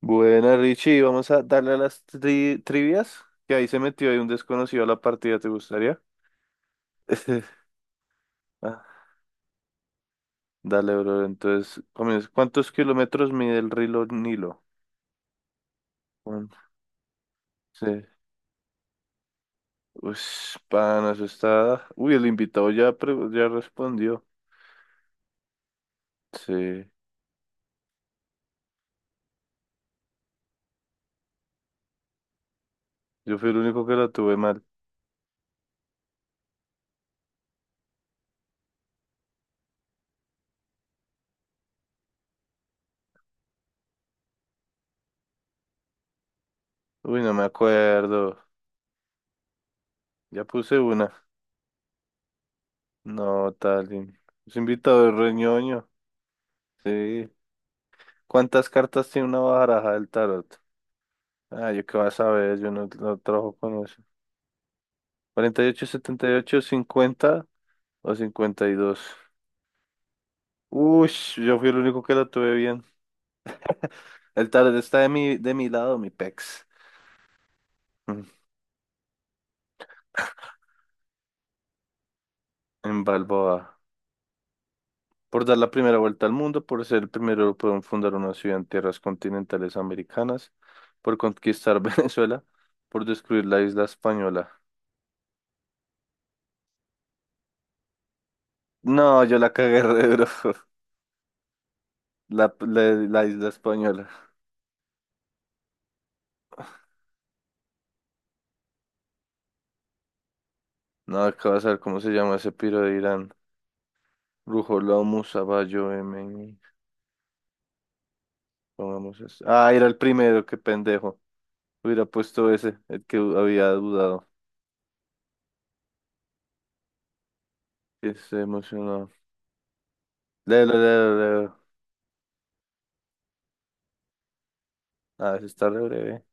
Buena, Richie, vamos a darle a las trivias, que ahí se metió ahí un desconocido a la partida, ¿te gustaría? Ah, dale, bro, entonces, comienza. ¿Cuántos kilómetros mide el río Nilo? Un- Sí. Uy, pana, eso está... Uy, el invitado ya, ya respondió. Sí, yo fui el único que la tuve mal. Uy, no me acuerdo. Ya puse una. No, tal. Ese invitado es reñoño. Sí. ¿Cuántas cartas tiene una baraja del tarot? Ah, yo qué vas a ver, yo no trabajo con eso. 48, 78, 50 o 52. Uy, yo fui el único que la tuve bien. El tarot está de mi lado, mi pex. Mm, En Balboa. Por dar la primera vuelta al mundo, por ser el primero europeo en fundar una ciudad en tierras continentales americanas, por conquistar Venezuela, por descubrir la isla española. No, yo la cagué re duro. La isla española. No, acabas de ver cómo se llama ese piro de Irán. Rujolomus, Saballo, M. Pongamos eso. Ah, era el primero, qué pendejo. Hubiera puesto ese, el que había dudado. Que se emocionó. Leo, leo, leo. Ah, ese está re breve.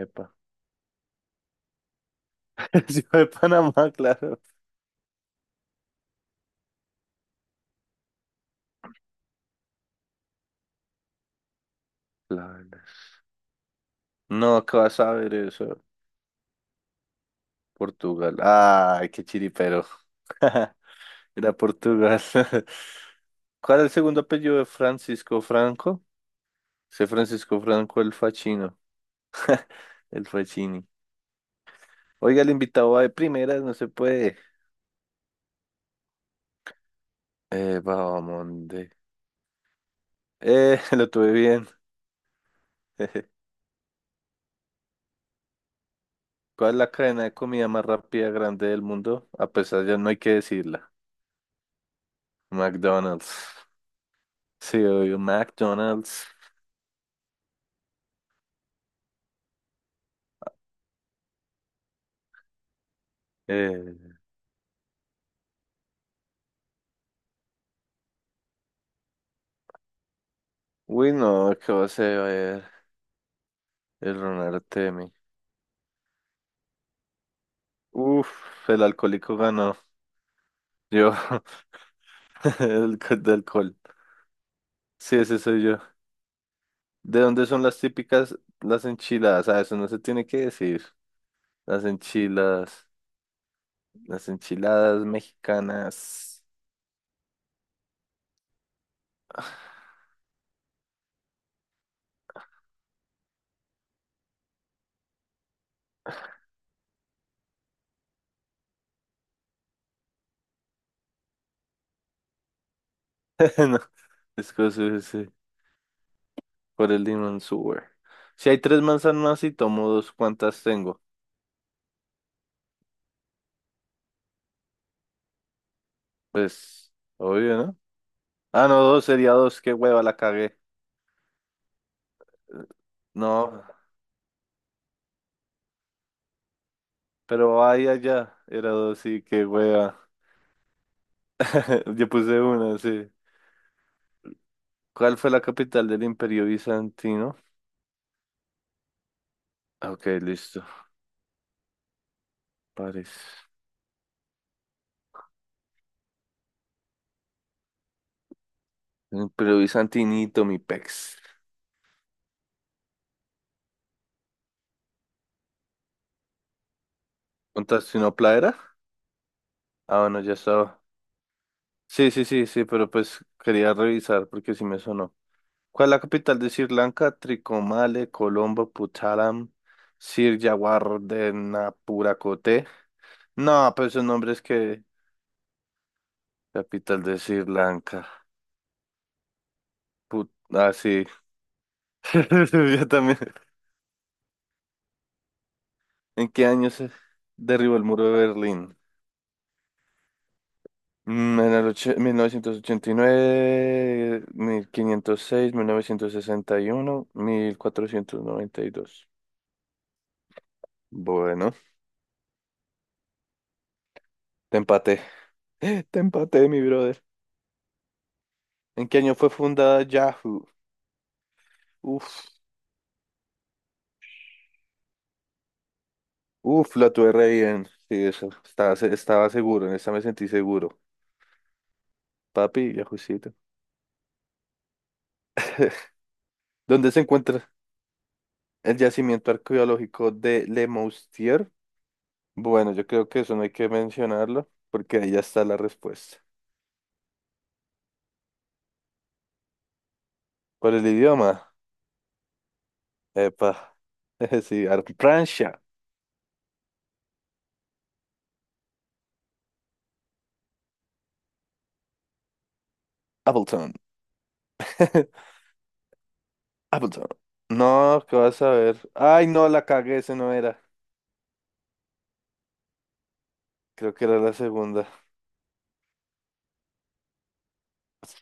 Epa. Ciudad de Panamá, claro. Claro. No, ¿qué vas a ver eso? Portugal. Ay, qué chiripero. Era Portugal. ¿Cuál es el segundo apellido de Francisco Franco? Sé Francisco Franco el Facchino. El Facchini. Oiga, el invitado va de primeras, no se puede. Babamonde. Lo tuve bien. ¿Cuál es la cadena de comida más rápida grande del mundo? A pesar ya no hay que decirla. McDonald's. Sí, obvio, McDonald's. Eh, uy, no, ¿qué va a ser el Ron Artemi? Uf, el alcohólico ganó. Yo, el de alcohol. Sí, ese soy yo. ¿De dónde son las típicas las enchiladas? Ah, eso no se tiene que decir. Las enchiladas. Las enchiladas mexicanas. No, es cosa ese, por el limón sour. Si hay tres manzanas y tomo dos, ¿cuántas tengo? Pues, obvio, ¿no? Ah, no, dos, sería dos, qué hueva, la cagué. No, pero ahí allá, era dos, sí, qué hueva. Yo puse una, sí. ¿Cuál fue la capital del Imperio Bizantino? Ah, ok, listo, París. El Imperio Bizantinito, mi pex. ¿Contaste una playera? Ah, bueno, ya estaba. Sí, sí, sí, sí, pero pues quería revisar porque sí me sonó. ¿Cuál es la capital de Sri Lanka? Tricomale, Colombo, Puttalam, Sirjawardenapuracote. No, pues esos nombres que... Capital de Sri Lanka. Put... Ah, sí. Yo también. ¿En qué año se derribó el muro de Berlín? En el 1989, 1506, 1961, 1492. Bueno, te empaté. Te empaté, mi brother. ¿En qué año fue fundada Yahoo? Uf, uf, la tuve re bien. Sí, eso. Estaba, estaba seguro, en esta me sentí seguro. Papi, Yahoocito. ¿Dónde se encuentra el yacimiento arqueológico de Le Moustier? Bueno, yo creo que eso no hay que mencionarlo, porque ahí ya está la respuesta. ¿Cuál es el idioma? Epa. Sí, Francia. Appleton. Appleton. No, ¿qué vas a ver? Ay, no, la cagué, ese no era. Creo que era la segunda.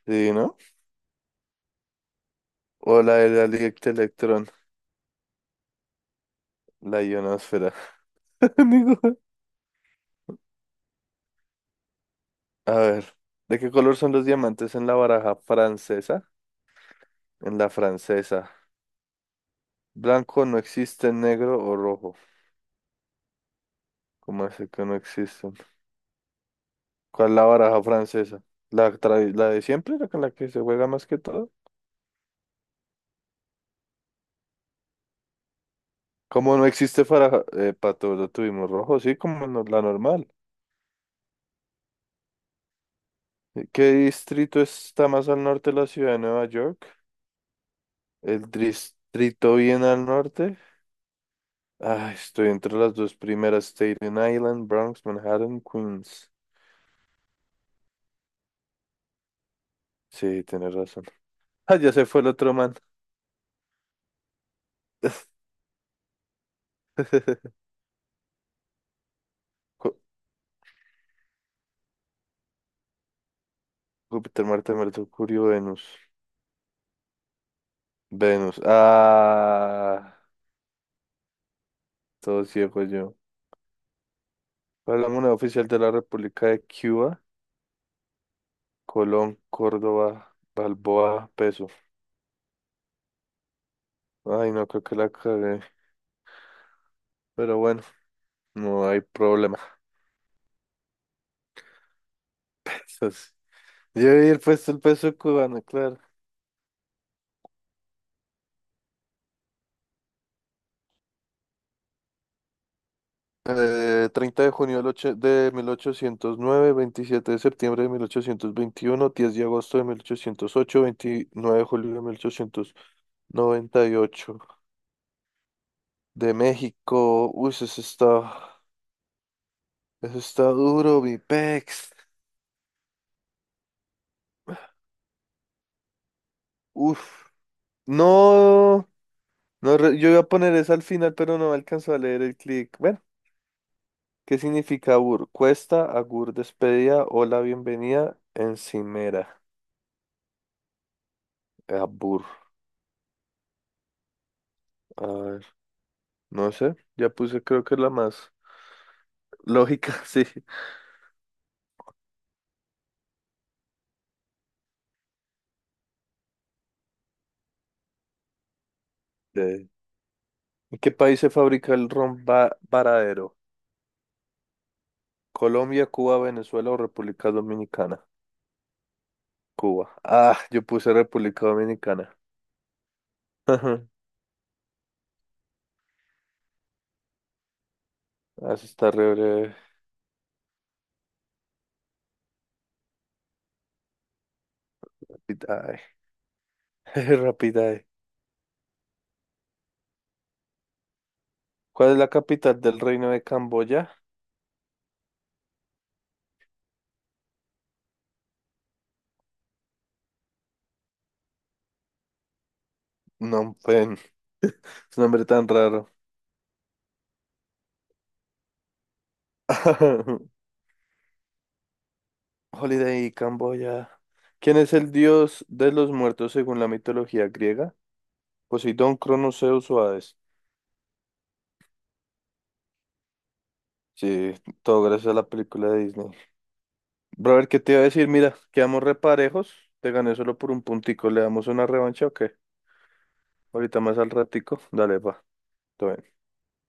Sí, ¿no? O la de la directa electrón, la ionosfera. Digo, a ver, ¿de qué color son los diamantes en la baraja francesa? En la francesa. Blanco no existe, negro o rojo. ¿Cómo es que no existen? ¿Cuál es la baraja francesa? ¿La, la de siempre, la con la que se juega más que todo? ¿Cómo no existe para pato, lo tuvimos rojo, sí, como la normal. ¿Qué distrito está más al norte de la ciudad de Nueva York? El distrito bien al norte. Ah, estoy entre las dos primeras, Staten Island, Bronx, Manhattan, Queens. Sí, tienes razón. Ah, ya se fue el otro man. Ju- Júpiter, Marte, Mercurio, Venus. Venus. Ah, todo ciego yo. ¿Cuál es la moneda oficial de la República de Cuba? Colón, Córdoba, Balboa, peso. Ay, no creo que la cagué. Pero bueno, no hay problema. Entonces, yo he puesto el peso cubano, claro. 30 de junio de 1809, 27 de septiembre de 1821, 10 de agosto de 1808, 29 de julio de 1898. De México, uy, eso está duro, mi pex. Uf, no, no, yo iba a poner eso al final, pero no alcanzó a leer el clic. Bueno, ¿qué significa abur? Cuesta, agur, despedida, hola, bienvenida, encimera, abur. No sé, ya puse creo que la más lógica, sí. Eh, ¿en qué país se fabrica el ron varadero? ¿Colombia, Cuba, Venezuela o República Dominicana? Cuba. Ah, yo puse República Dominicana. Así está re breve. Rapidae. Rapidae. ¿Cuál es la capital del reino de Camboya? Phnom Penh. Es un nombre tan raro. Holiday, Camboya. ¿Quién es el dios de los muertos según la mitología griega? Poseidón, Cronos, Zeus o Hades. Sí, todo gracias a la película de Disney. Brother, ¿qué te iba a decir? Mira, quedamos reparejos. Te gané solo por un puntico. ¿Le damos una revancha o qué? Ahorita más al ratico. Dale, va. Todo bien.